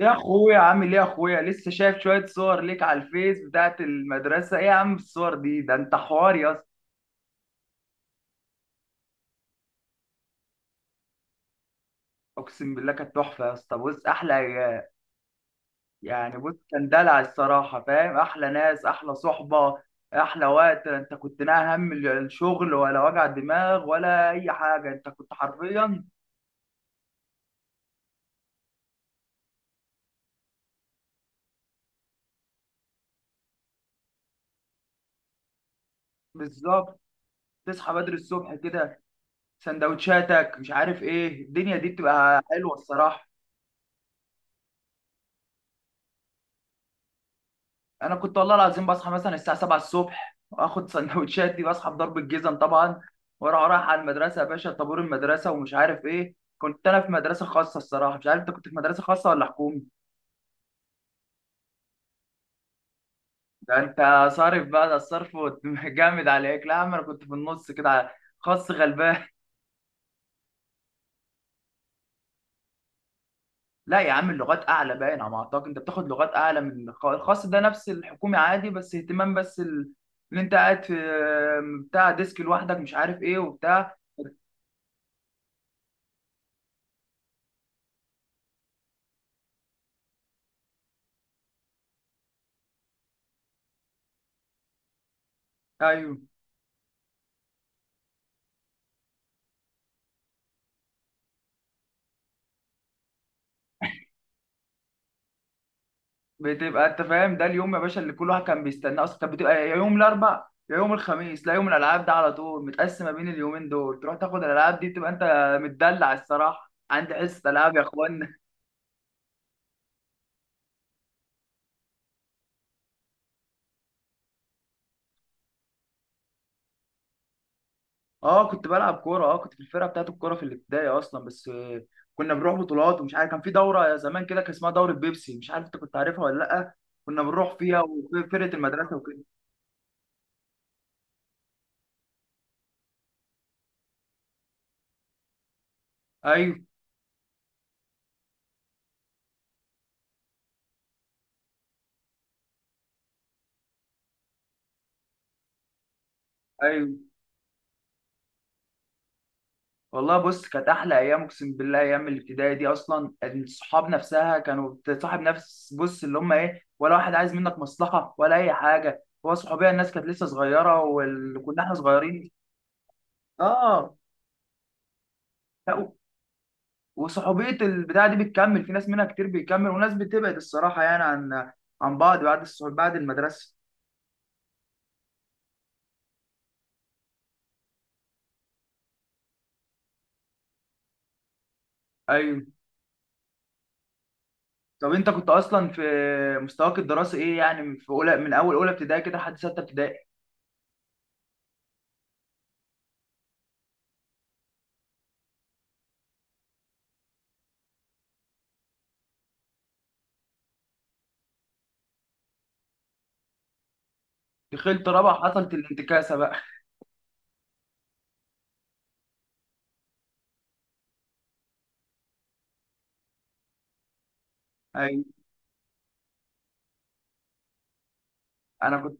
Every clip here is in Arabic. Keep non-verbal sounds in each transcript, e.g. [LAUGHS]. يا اخويا، عامل ايه يا اخويا؟ لسه شايف شويه صور ليك على الفيس بتاعت المدرسه. ايه يا عم الصور دي، ده انت حوار يا اسطى. اقسم بالله كانت تحفه يا اسطى. بص احلى عيال. يعني بص كان دلع الصراحه، فاهم؟ احلى ناس، احلى صحبه، احلى وقت. انت كنت لا هم الشغل ولا وجع دماغ ولا اي حاجه، انت كنت حرفيا. بالظبط. تصحى بدري الصبح كده، سندوتشاتك، مش عارف ايه، الدنيا دي بتبقى حلوه الصراحه. انا كنت والله العظيم بصحى مثلا الساعه 7 الصبح، واخد سندوتشات دي، بصحى بضرب الجزم طبعا، واروح رايح على المدرسه يا باشا، طابور المدرسه ومش عارف ايه. كنت انا في مدرسه خاصه الصراحه، مش عارف انت كنت في مدرسه خاصه ولا حكومي. ده انت صارف بقى، ده الصرف. [LAUGHS] جامد عليك. لا يا عم انا كنت في النص كده، خاص غلبان. [LAUGHS] لا يا عم اللغات اعلى باين على ما اعتقد، انت بتاخد لغات اعلى من الخاص، ده نفس الحكومي عادي، بس اهتمام، بس اللي انت قاعد في بتاع ديسك لوحدك، مش عارف ايه، وبتاع. ايوه. بتبقى انت فاهم؟ ده اليوم يا باشا اللي كل واحد كان بيستناه، اصلا كانت بتبقى يا يوم الاربع يا يوم الخميس. لا، يوم الالعاب ده على طول متقسمه بين اليومين دول، تروح تاخد الالعاب دي، تبقى انت متدلع الصراحه. عندي حصه العاب يا اخوانا. اه كنت بلعب كوره، اه كنت في الفرقه بتاعت الكوره في الابتدائي اصلا، بس كنا بنروح بطولات ومش عارف، كان في دوره زمان كده كان اسمها دوره بيبسي، مش عارف انت كنت عارفها ولا لا. كنا بنروح فيها وفرقه المدرسه وكده. ايوه، ايوه. والله بص كانت احلى ايام اقسم بالله. ايام الابتدائي دي اصلا، الصحاب نفسها كانوا بتصاحب نفس، بص اللي هم ايه، ولا واحد عايز منك مصلحه ولا اي حاجه، هو صحوبيه. الناس كانت لسه صغيره وكنا احنا صغيرين. اه. لا، و- وصحوبيه البتاعه دي بتكمل في ناس، منها كتير بيكمل وناس بتبعد الصراحه، يعني عن بعض بعد الصحوب بعد المدرسه. ايوه. طب انت كنت اصلا في مستواك الدراسي ايه؟ يعني في اولى، من اول اولى ابتدائي كده لحد سته ابتدائي. دخلت رابعه حصلت الانتكاسه بقى. انا كنت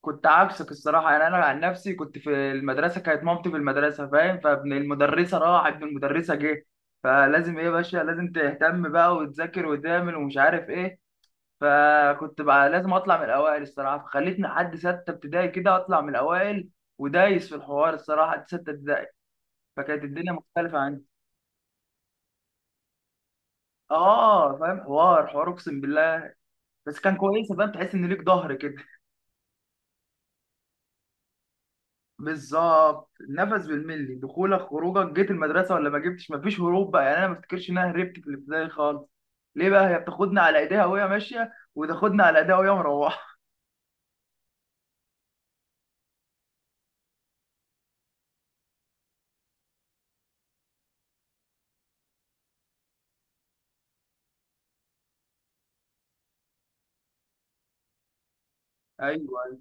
كنت عكسك الصراحه، يعني انا عن نفسي كنت في المدرسه، كانت مامتي في المدرسه فاهم، فابن المدرسه راح ابن المدرسه جه، فلازم ايه يا باشا، لازم تهتم بقى وتذاكر وتعمل ومش عارف ايه. فكنت بقى لازم اطلع من الاوائل الصراحه، فخلتني لحد سته ابتدائي كده اطلع من الاوائل، ودايس في الحوار الصراحه لحد سته ابتدائي. فكانت الدنيا مختلفه عندي. اه فاهم، حوار حوار اقسم بالله. بس كان كويس فاهم، تحس ان ليك ظهر كده. بالظبط، نفس بالملي، دخولك خروجك، جيت المدرسه ولا ما جبتش، مفيش هروب بقى يعني، انا ما افتكرش ان انا هربت في الابتدائي خالص. ليه بقى؟ هي بتاخدنا على ايديها وهي ماشيه، وتاخدنا على ايديها وهي مروحه. [LAUGHS] ايوه، أيوة.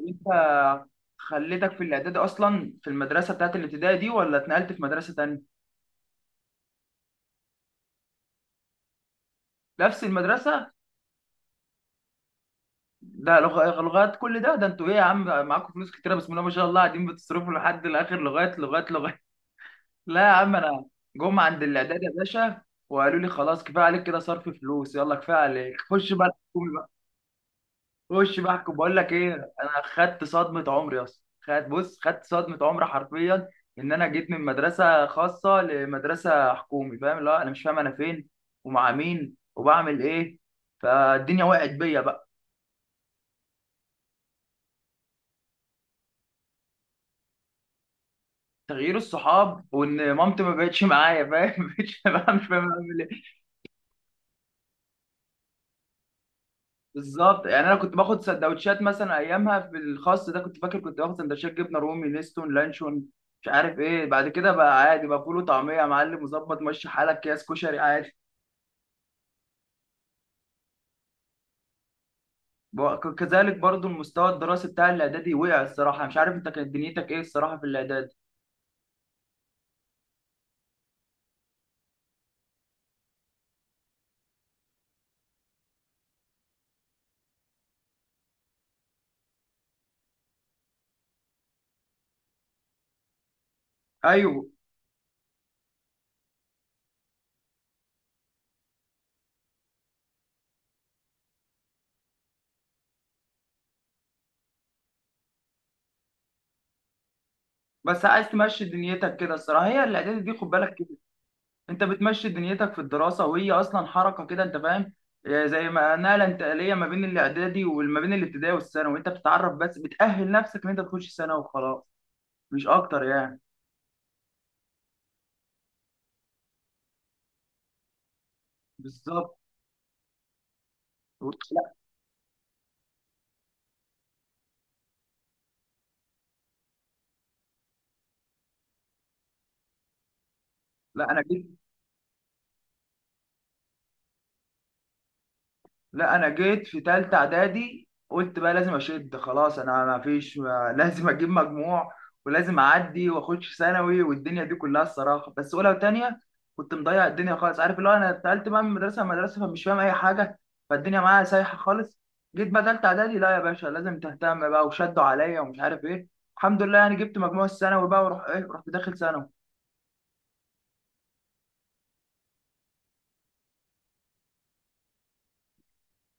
انت خليتك في الاعدادي اصلا في المدرسه بتاعت الابتدائي دي ولا اتنقلت في مدرسه تانية؟ نفس المدرسه. ده لغات، كل ده؟ ده انتوا ايه يا عم، معاكم فلوس كتيره بسم الله ما شاء الله، قاعدين بتصرفوا لحد الاخر، لغايه لغايه لغايه. لا يا عم، انا جم عند الاعداد يا باشا، وقالوا لي خلاص كفايه عليك كده صرف فلوس، يلا كفايه عليك، خش بقى الحكومي بقى. خش بقى احكم، بقول لك ايه، انا خدت صدمه عمري يا اسطى، خدت، بص خدت صدمه عمري حرفيا، ان انا جيت من مدرسه خاصه لمدرسه حكومي فاهم. لا انا مش فاهم انا فين ومع مين وبعمل ايه، فالدنيا وقعت بيا بقى. تغيير الصحاب، وان مامتي ما بقتش معايا فاهم، [LAUGHS] مش فاهم مش فاهم اعمل ايه. بالظبط. يعني انا كنت باخد سندوتشات مثلا ايامها في الخاص ده، كنت فاكر كنت باخد سندوتشات جبنه رومي نستون لانشون مش عارف ايه. بعد كده بقى عادي بقى، فول وطعميه يا معلم، مظبط ماشي حالك، اكياس كشري عادي. كذلك برضو المستوى الدراسي بتاع الاعدادي وقع الصراحه، مش عارف انت كانت دنيتك ايه الصراحه في الاعدادي. ايوه. بس عايز تمشي دنيتك كده الصراحه، هي الاعدادي دي خد بالك، انت بتمشي دنيتك في الدراسه، وهي اصلا حركه كده انت فاهم، زي ما نقله انتقاليه ما بين الاعدادي وما بين الابتدائي والثانوي، انت بتتعرف بس بتاهل نفسك ان انت تخش ثانوي وخلاص، مش اكتر يعني. بالظبط. لا لا، انا جيت في تالتة اعدادي قلت بقى لازم اشد، خلاص انا ما فيش، [LAUGHS] ما لازم اجيب مجموع ولازم اعدي واخش ثانوي، والدنيا دي كلها الصراحه بس اولى وتانية كنت مضيع الدنيا خالص، عارف اللي هو انا اتنقلت بقى من مدرسه لمدرسه فمش فاهم اي حاجه، فالدنيا معايا سايحه خالص. جيت بقى تالتة اعدادي، لا يا باشا لازم تهتم بقى، وشدوا عليا ومش عارف ايه، الحمد لله يعني جبت مجموع الثانوي بقى، وروح ايه، رحت داخل ثانوي.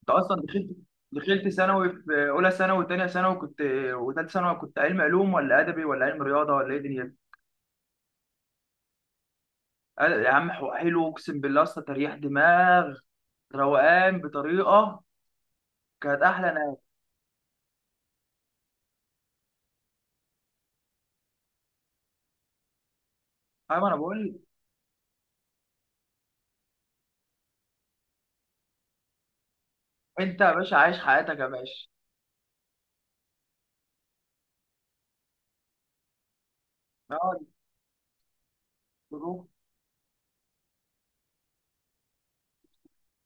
انت اصلا دخلت ثانوي، في اولى ثانوي وثانيه ثانوي كنت، وثالثه ثانوي، كنت علم علوم ولا ادبي ولا علم رياضه ولا ايه دنيا؟ يا عم حلو اقسم بالله، اصلا تريح دماغ، روقان بطريقه، كانت احلى ناس. ايوه انا بقول. انت يا باشا عايش حياتك يا باشا. اه. بروح.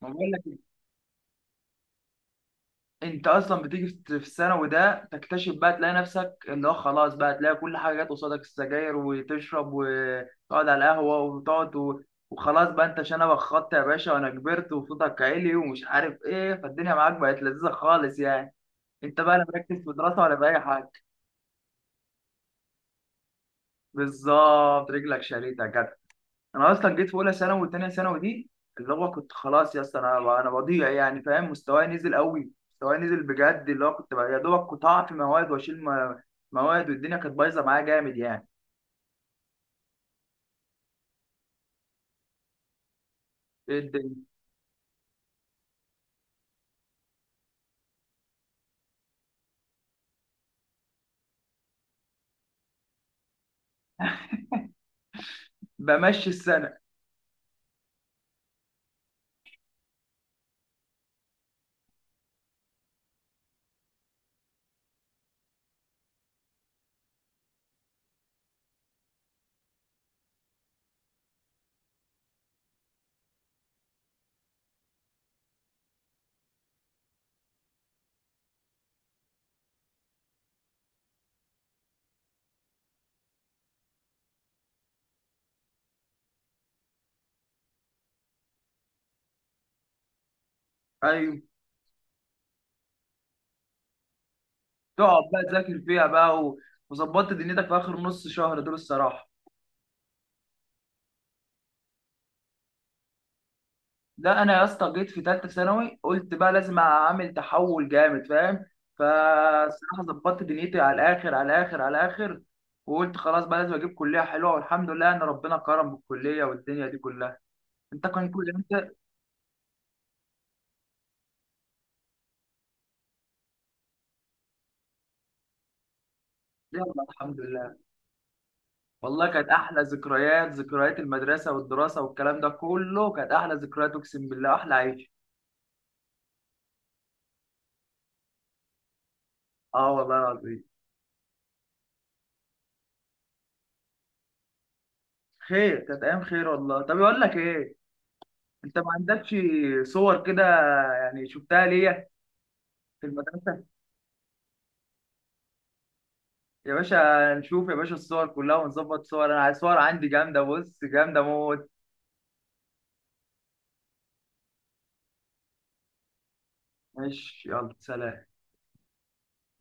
ما بقول لك، انت اصلا بتيجي في الثانوي ده تكتشف بقى، تلاقي نفسك اللي هو خلاص بقى، تلاقي كل حاجه جت قصادك، السجاير وتشرب وتقعد على القهوه وتقعد وخلاص بقى، انت شنبك خط يا باشا وانا كبرت وصوتك عالي ومش عارف ايه، فالدنيا معاك بقت لذيذه خالص يعني، انت بقى لا مركز في دراسه ولا في اي حاجه. بالظبط، رجلك شريطه. انا اصلا جيت في اولى ثانوي وثانيه ثانوي دي، اللي هو كنت خلاص يا اسطى، انا بضيع يعني فاهم، مستواي نزل قوي، مستواي نزل بجد، اللي هو كنت بقى يا دوبك كنت هقع في مواد واشيل مواد، والدنيا كانت بايظه معايا جامد يعني. إيه الدنيا. بمشي السنه. ايوه. تقعد بقى تذاكر فيها بقى وظبطت دنيتك في اخر نص شهر دول الصراحه. لا انا يا اسطى جيت في ثالثه ثانوي قلت بقى لازم اعمل تحول جامد فاهم، فالصراحه ظبطت دنيتي على الاخر على الاخر على الاخر، وقلت خلاص بقى لازم اجيب كليه حلوه، والحمد لله ان ربنا كرم بالكليه والدنيا دي كلها. انت كان كل انت يلا الحمد لله. والله كانت احلى ذكريات، ذكريات المدرسه والدراسه والكلام ده كله، كانت احلى ذكريات اقسم بالله، احلى عيش. اه والله العظيم. خير كانت ايام خير والله. طب اقول لك ايه، انت ما عندكش صور كده؟ يعني شفتها ليا في المدرسه. يا باشا نشوف يا باشا الصور كلها ونظبط صور، انا عايز صور عندي جامده بص، جامده موت. ماشي، يلا سلام.